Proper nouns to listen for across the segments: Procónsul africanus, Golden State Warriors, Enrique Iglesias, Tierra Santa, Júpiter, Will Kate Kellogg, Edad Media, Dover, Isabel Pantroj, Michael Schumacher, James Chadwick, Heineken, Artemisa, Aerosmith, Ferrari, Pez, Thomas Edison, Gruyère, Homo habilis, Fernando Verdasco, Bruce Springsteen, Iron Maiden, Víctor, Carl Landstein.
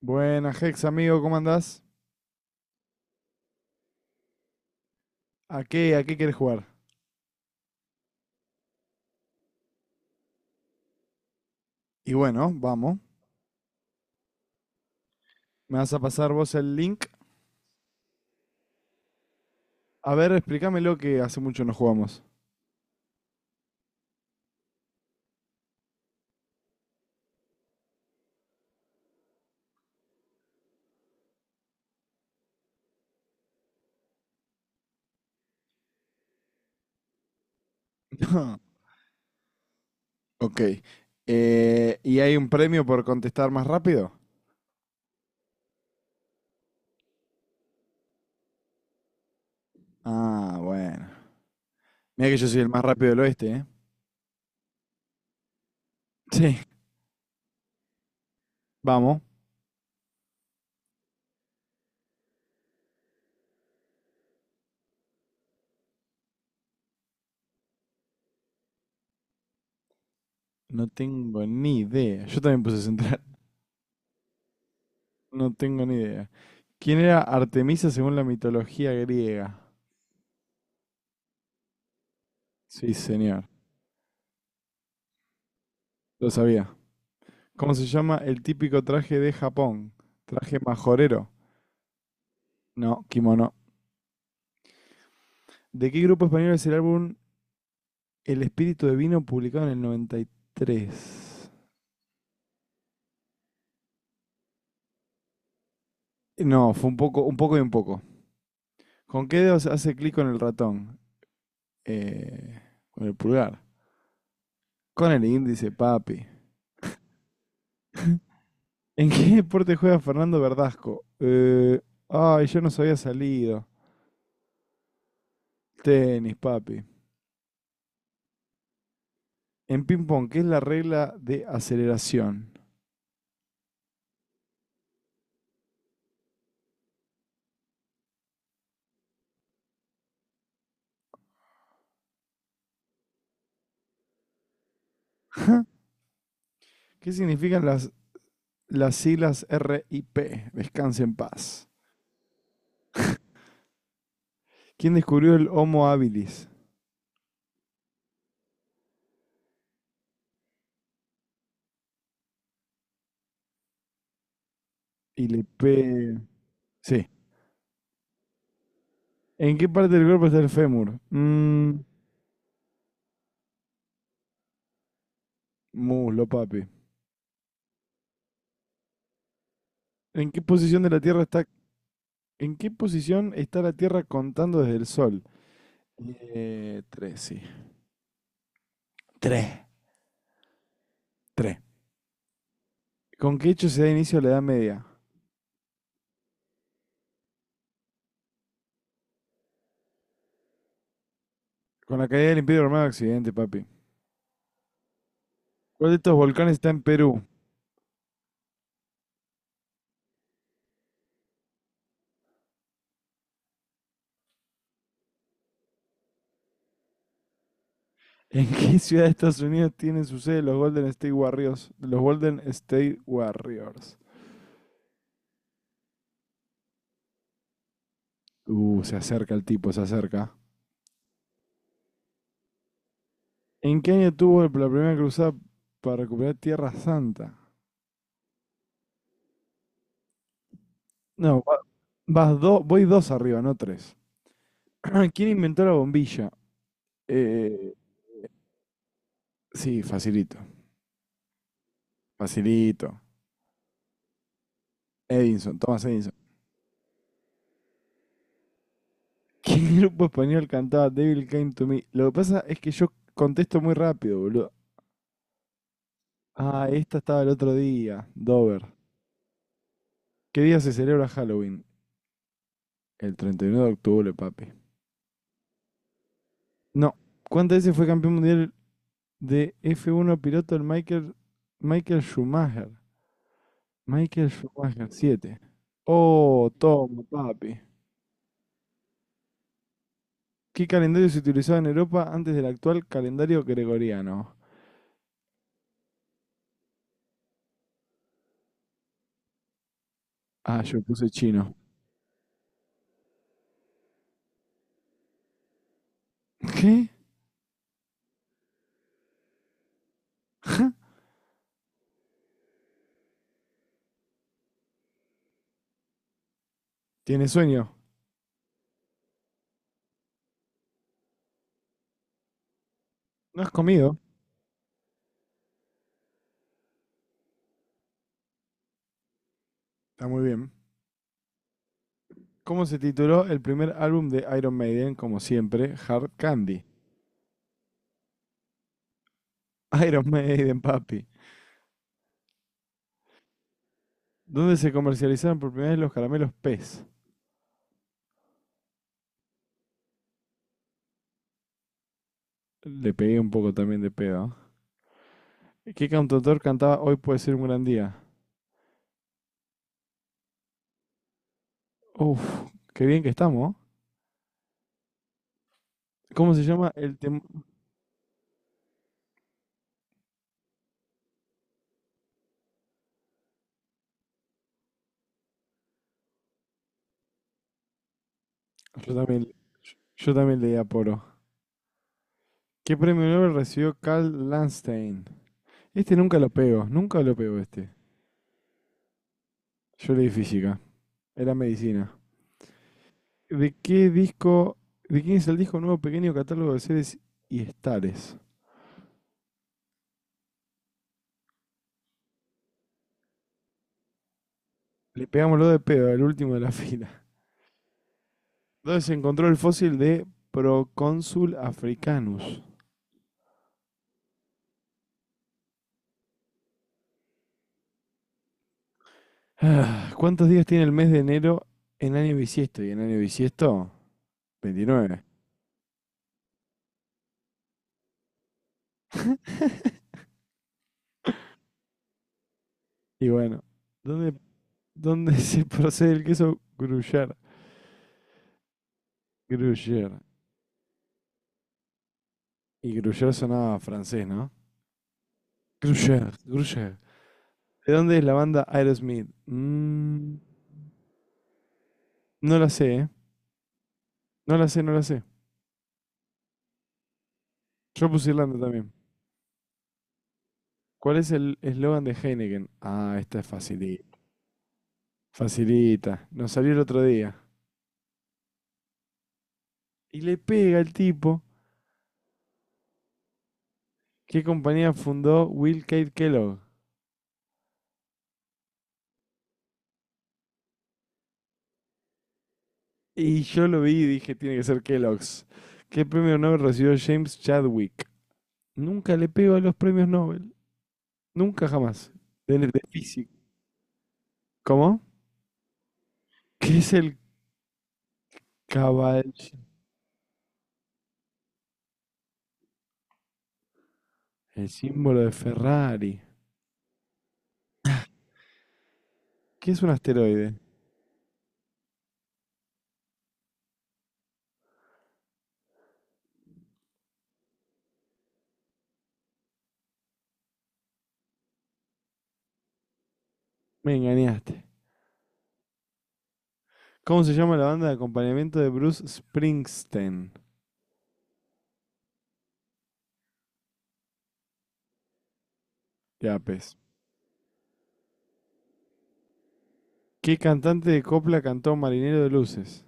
Buenas, Hex, amigo, ¿cómo andás? ¿A qué quieres jugar? Y bueno, vamos. Me vas a pasar vos el link. A ver, explícamelo que hace mucho no jugamos. Ok. ¿Y hay un premio por contestar más rápido? Ah, bueno. Mira que yo soy el más rápido del oeste, ¿eh? Sí. Vamos. No tengo ni idea. Yo también puse central. No tengo ni idea. ¿Quién era Artemisa según la mitología griega? Sí, señor. Lo sabía. ¿Cómo se llama el típico traje de Japón? Traje majorero. No, kimono. ¿De qué grupo español es el álbum El espíritu de vino publicado en el 93? No, fue un poco y un poco. ¿Con qué dedos hace clic con el ratón? Eh, con el pulgar. Con el índice, papi. ¿En qué deporte juega Fernando Verdasco? Ay, yo no sabía salido. Tenis, papi. En ping-pong, ¿qué es la regla de aceleración? ¿Qué significan las siglas R I P? Descanse en paz. ¿Quién descubrió el Homo habilis? Y le pe... Sí. ¿En qué parte del cuerpo está el fémur? Muslo, papi. ¿En qué posición de la Tierra está... ¿En qué posición está la Tierra contando desde el Sol? Tres, sí. Tres. Tres. ¿Con qué hecho se da inicio a la Edad Media? Con la caída del Imperio Romano Occidente, papi. ¿Cuál de estos volcanes está en Perú? ¿En qué ciudad de Estados Unidos tienen su sede los Golden State Warriors? Los Golden State Warriors. Se acerca el tipo, se acerca. ¿En qué año tuvo la primera cruzada para recuperar Tierra Santa? No, vas dos, voy dos arriba, no tres. ¿Quién inventó la bombilla? Eh, sí, facilito. Facilito. Edison, Thomas Edison. ¿Qué grupo español cantaba Devil Came to Me? Lo que pasa es que yo contesto muy rápido, boludo. Ah, esta estaba el otro día. Dover. ¿Qué día se celebra Halloween? El 31 de octubre, papi. No. ¿Cuántas veces fue campeón mundial de F1 piloto el Michael Schumacher? Michael Schumacher, 7. Oh, toma, papi. ¿Qué calendario se utilizaba en Europa antes del actual calendario gregoriano? Ah, yo puse chino. ¿Qué? ¿Tienes sueño? ¿No has comido? Está muy bien. ¿Cómo se tituló el primer álbum de Iron Maiden? Como siempre, Hard Candy. Iron Maiden, papi. ¿Dónde se comercializaron por primera vez los caramelos Pez? Le pegué un poco también de pedo. ¿Qué cantautor cantaba Hoy puede ser un gran día? Uf, qué bien que estamos, ¿no? ¿Cómo se llama el tema? Yo también, yo también leí a Poro. ¿Qué premio Nobel recibió Carl Landstein? Este nunca lo pego, nunca lo pego este. Yo leí física, era medicina. ¿De qué disco, de quién es el disco nuevo pequeño catálogo de seres y estares? Le pegamos lo de pedo, el último de la fila. Entonces se encontró el fósil de Procónsul africanus. Ah, ¿cuántos días tiene el mes de enero en año bisiesto? Y en año bisiesto, 29. Y bueno, ¿dónde, dónde se procede el queso Gruyère? Gruyère. Y Gruyère sonaba francés, ¿no? Gruyère, Gruyère. ¿De dónde es la banda Aerosmith? No la sé, ¿eh? No la sé, no la sé. Yo puse Irlanda también. ¿Cuál es el eslogan de Heineken? Ah, esta es facilita. Facilita. Nos salió el otro día. Y le pega el tipo. ¿Qué compañía fundó Will Kate Kellogg? Y yo lo vi y dije, tiene que ser Kellogg's. ¿Qué premio Nobel recibió James Chadwick? Nunca le pego a los premios Nobel. Nunca jamás. De física. ¿Cómo? ¿Qué es el caballo? El símbolo de Ferrari. ¿Qué es un asteroide? Me engañaste. ¿Cómo se llama la banda de acompañamiento de Bruce Springsteen? Ya, pues. ¿Qué cantante de copla cantó Marinero de Luces?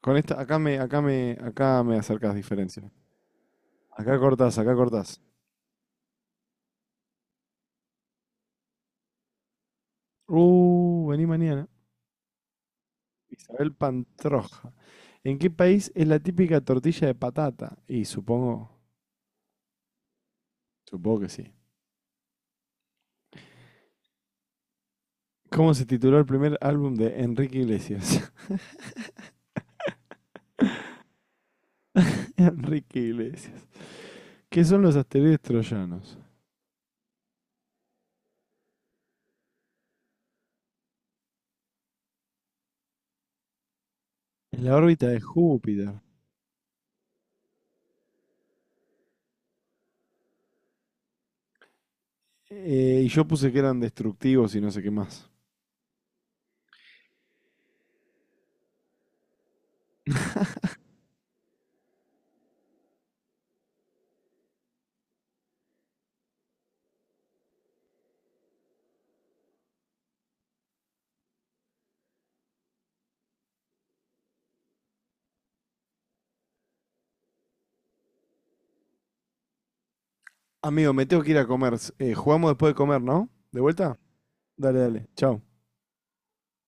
Con esta, acá me acercas diferencia. Acá cortás, acá cortás. Vení mañana. Isabel Pantroj. ¿En qué país es la típica tortilla de patata? Y supongo, que sí. ¿Cómo se tituló el primer álbum de Enrique Iglesias? Enrique Iglesias. ¿Qué son los asteroides troyanos? En la órbita de Júpiter. Y yo puse que eran destructivos y no sé qué más. Amigo, me tengo que ir a comer. Jugamos después de comer, ¿no? ¿De vuelta? Dale, dale. Chao.